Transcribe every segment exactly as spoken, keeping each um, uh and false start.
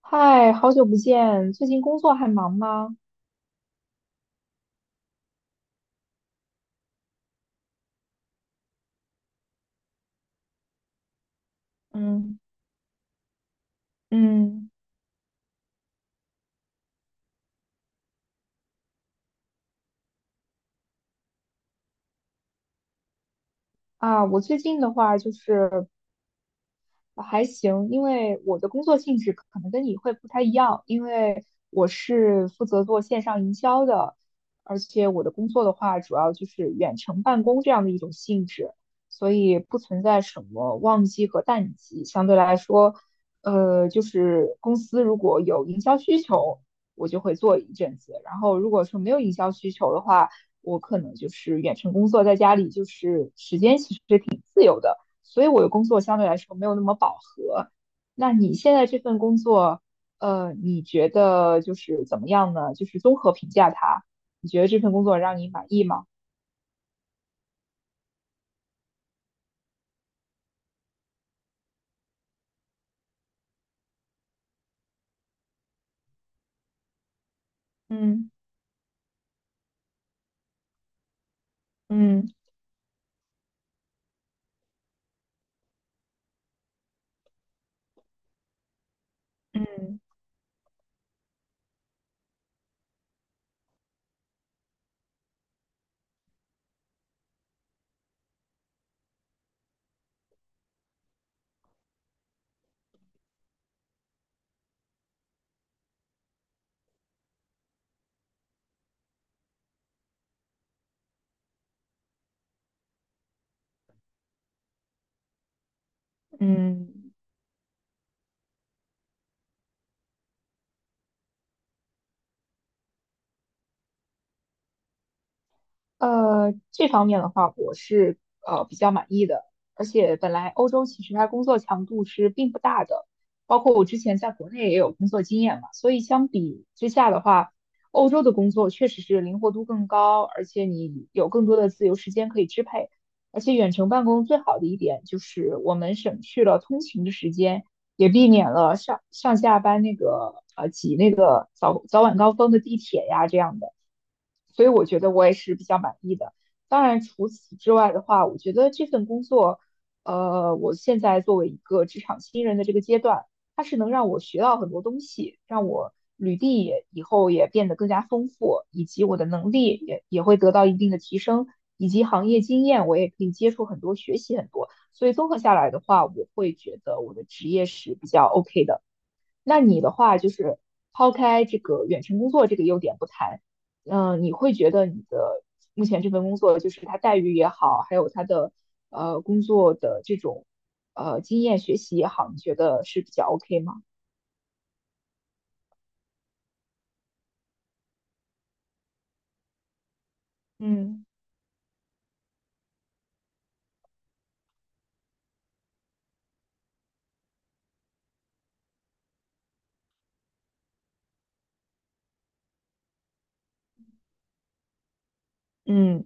嗨，好久不见，最近工作还忙吗？嗯嗯，啊，我最近的话就是，呃还行，因为我的工作性质可能跟你会不太一样，因为我是负责做线上营销的，而且我的工作的话，主要就是远程办公这样的一种性质，所以不存在什么旺季和淡季。相对来说，呃，就是公司如果有营销需求，我就会做一阵子，然后如果说没有营销需求的话，我可能就是远程工作，在家里就是时间其实是挺自由的。所以我的工作相对来说没有那么饱和。那你现在这份工作，呃，你觉得就是怎么样呢？就是综合评价它，你觉得这份工作让你满意吗？嗯嗯嗯嗯，呃，这方面的话，我是呃比较满意的，而且本来欧洲其实它工作强度是并不大的，包括我之前在国内也有工作经验嘛，所以相比之下的话，欧洲的工作确实是灵活度更高，而且你有更多的自由时间可以支配，而且远程办公最好的一点就是我们省去了通勤的时间，也避免了上上下班那个呃挤那个早早晚高峰的地铁呀这样的。所以我觉得我也是比较满意的。当然，除此之外的话，我觉得这份工作，呃，我现在作为一个职场新人的这个阶段，它是能让我学到很多东西，让我履历也以后也变得更加丰富，以及我的能力也也会得到一定的提升，以及行业经验我也可以接触很多，学习很多。所以综合下来的话，我会觉得我的职业是比较 OK 的。那你的话就是抛开这个远程工作这个优点不谈，嗯、你会觉得你的目前这份工作，就是它待遇也好，还有它的呃工作的这种呃经验学习也好，你觉得是比较 OK 吗？嗯嗯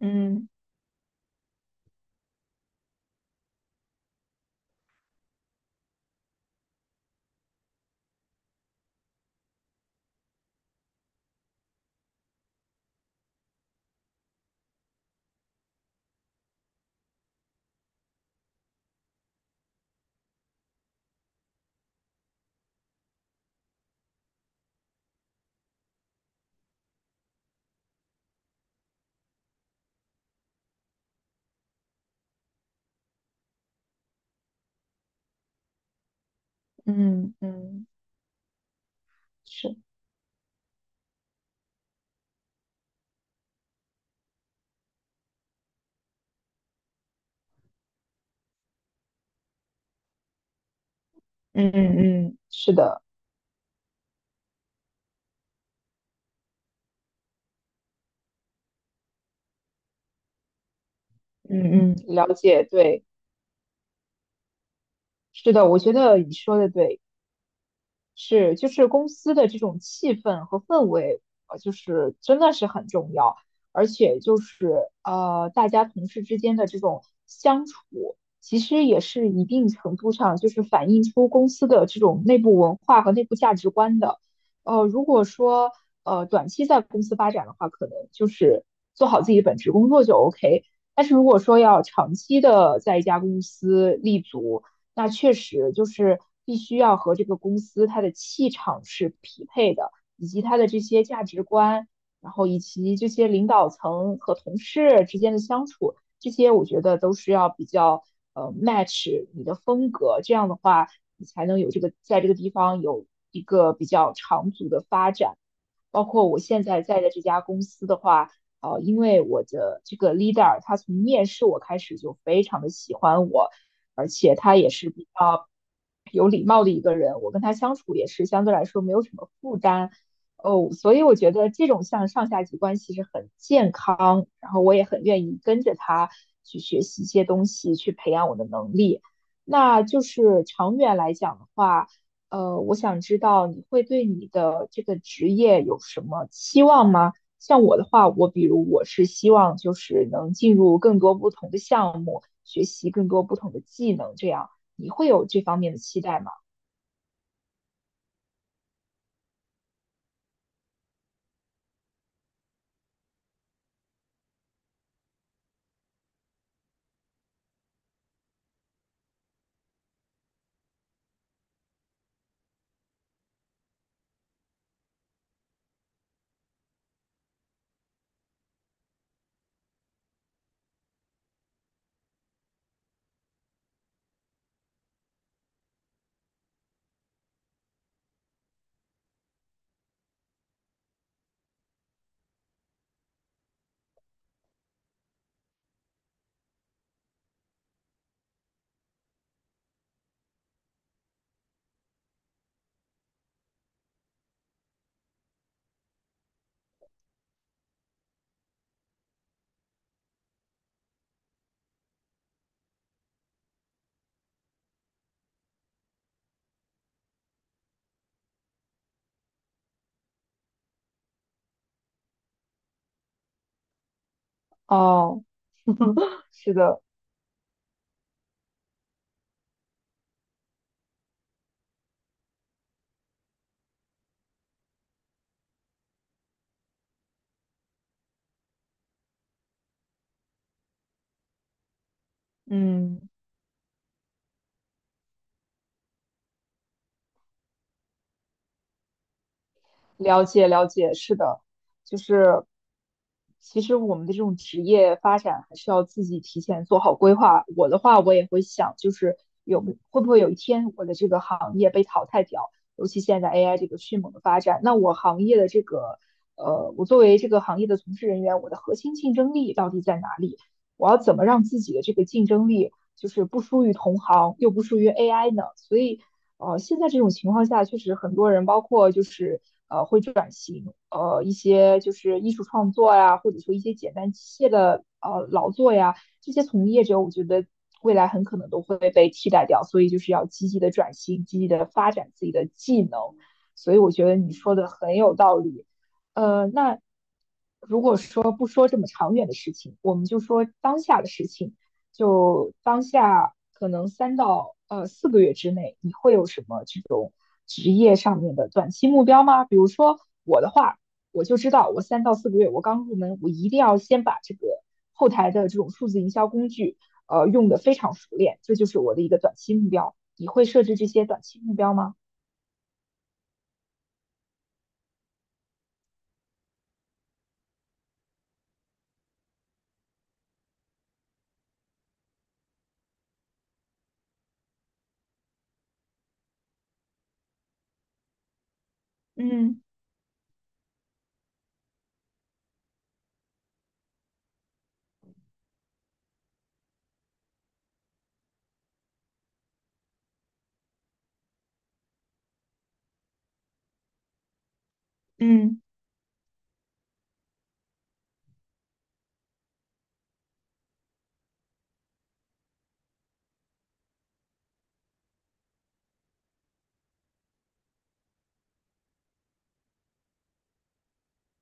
嗯嗯嗯，是，嗯嗯嗯，是的，嗯嗯，了解，对，是的，我觉得你说的对。是，就是公司的这种气氛和氛围，呃，就是真的是很重要，而且就是呃，大家同事之间的这种相处，其实也是一定程度上就是反映出公司的这种内部文化和内部价值观的。呃，如果说呃短期在公司发展的话，可能就是做好自己本职工作就 OK。但是如果说要长期的在一家公司立足，那确实就是必须要和这个公司它的气场是匹配的，以及它的这些价值观，然后以及这些领导层和同事之间的相处，这些我觉得都是要比较呃 match 你的风格，这样的话你才能有这个在这个地方有一个比较长足的发展。包括我现在在的这家公司的话，呃，因为我的这个 leader 他从面试我开始就非常的喜欢我，而且他也是比较有礼貌的一个人，我跟他相处也是相对来说没有什么负担。哦，所以我觉得这种像上下级关系是很健康，然后我也很愿意跟着他去学习一些东西，去培养我的能力。那就是长远来讲的话，呃，我想知道你会对你的这个职业有什么期望吗？像我的话，我比如我是希望就是能进入更多不同的项目，学习更多不同的技能，这样你会有这方面的期待吗？哦，是的，嗯。了解了解，是的，就是其实我们的这种职业发展还是要自己提前做好规划。我的话，我也会想，就是有没会不会有一天我的这个行业被淘汰掉，尤其现在 A I 这个迅猛的发展，那我行业的这个呃，我作为这个行业的从事人员，我的核心竞争力到底在哪里？我要怎么让自己的这个竞争力就是不输于同行，又不输于 A I 呢？所以呃，现在这种情况下，确实很多人，包括就是呃，会转型，呃，一些就是艺术创作呀，或者说一些简单机械的呃劳作呀，这些从业者，我觉得未来很可能都会被替代掉，所以就是要积极的转型，积极的发展自己的技能，所以我觉得你说的很有道理。呃，那如果说不说这么长远的事情，我们就说当下的事情。就当下可能三到呃四个月之内，你会有什么这种职业上面的短期目标吗？比如说我的话，我就知道我三到四个月，我刚入门，我一定要先把这个后台的这种数字营销工具，呃，用得非常熟练，这就是我的一个短期目标。你会设置这些短期目标吗？嗯嗯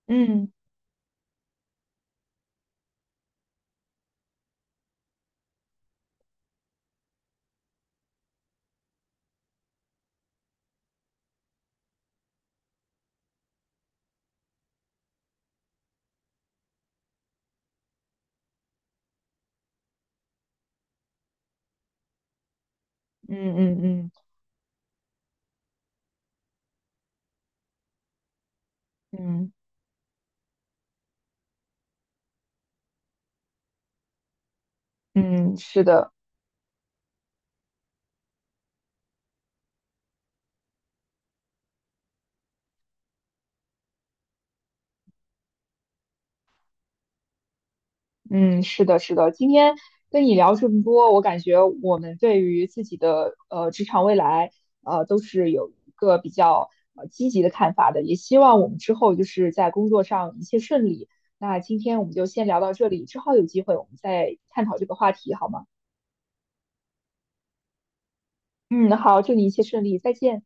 嗯嗯嗯嗯嗯，嗯，是的，嗯，是的，是的。今天跟你聊这么多，我感觉我们对于自己的呃职场未来，呃，都是有一个比较呃积极的看法的。也希望我们之后就是在工作上一切顺利。那今天我们就先聊到这里，之后有机会我们再探讨这个话题，好吗？嗯，好，祝你一切顺利，再见。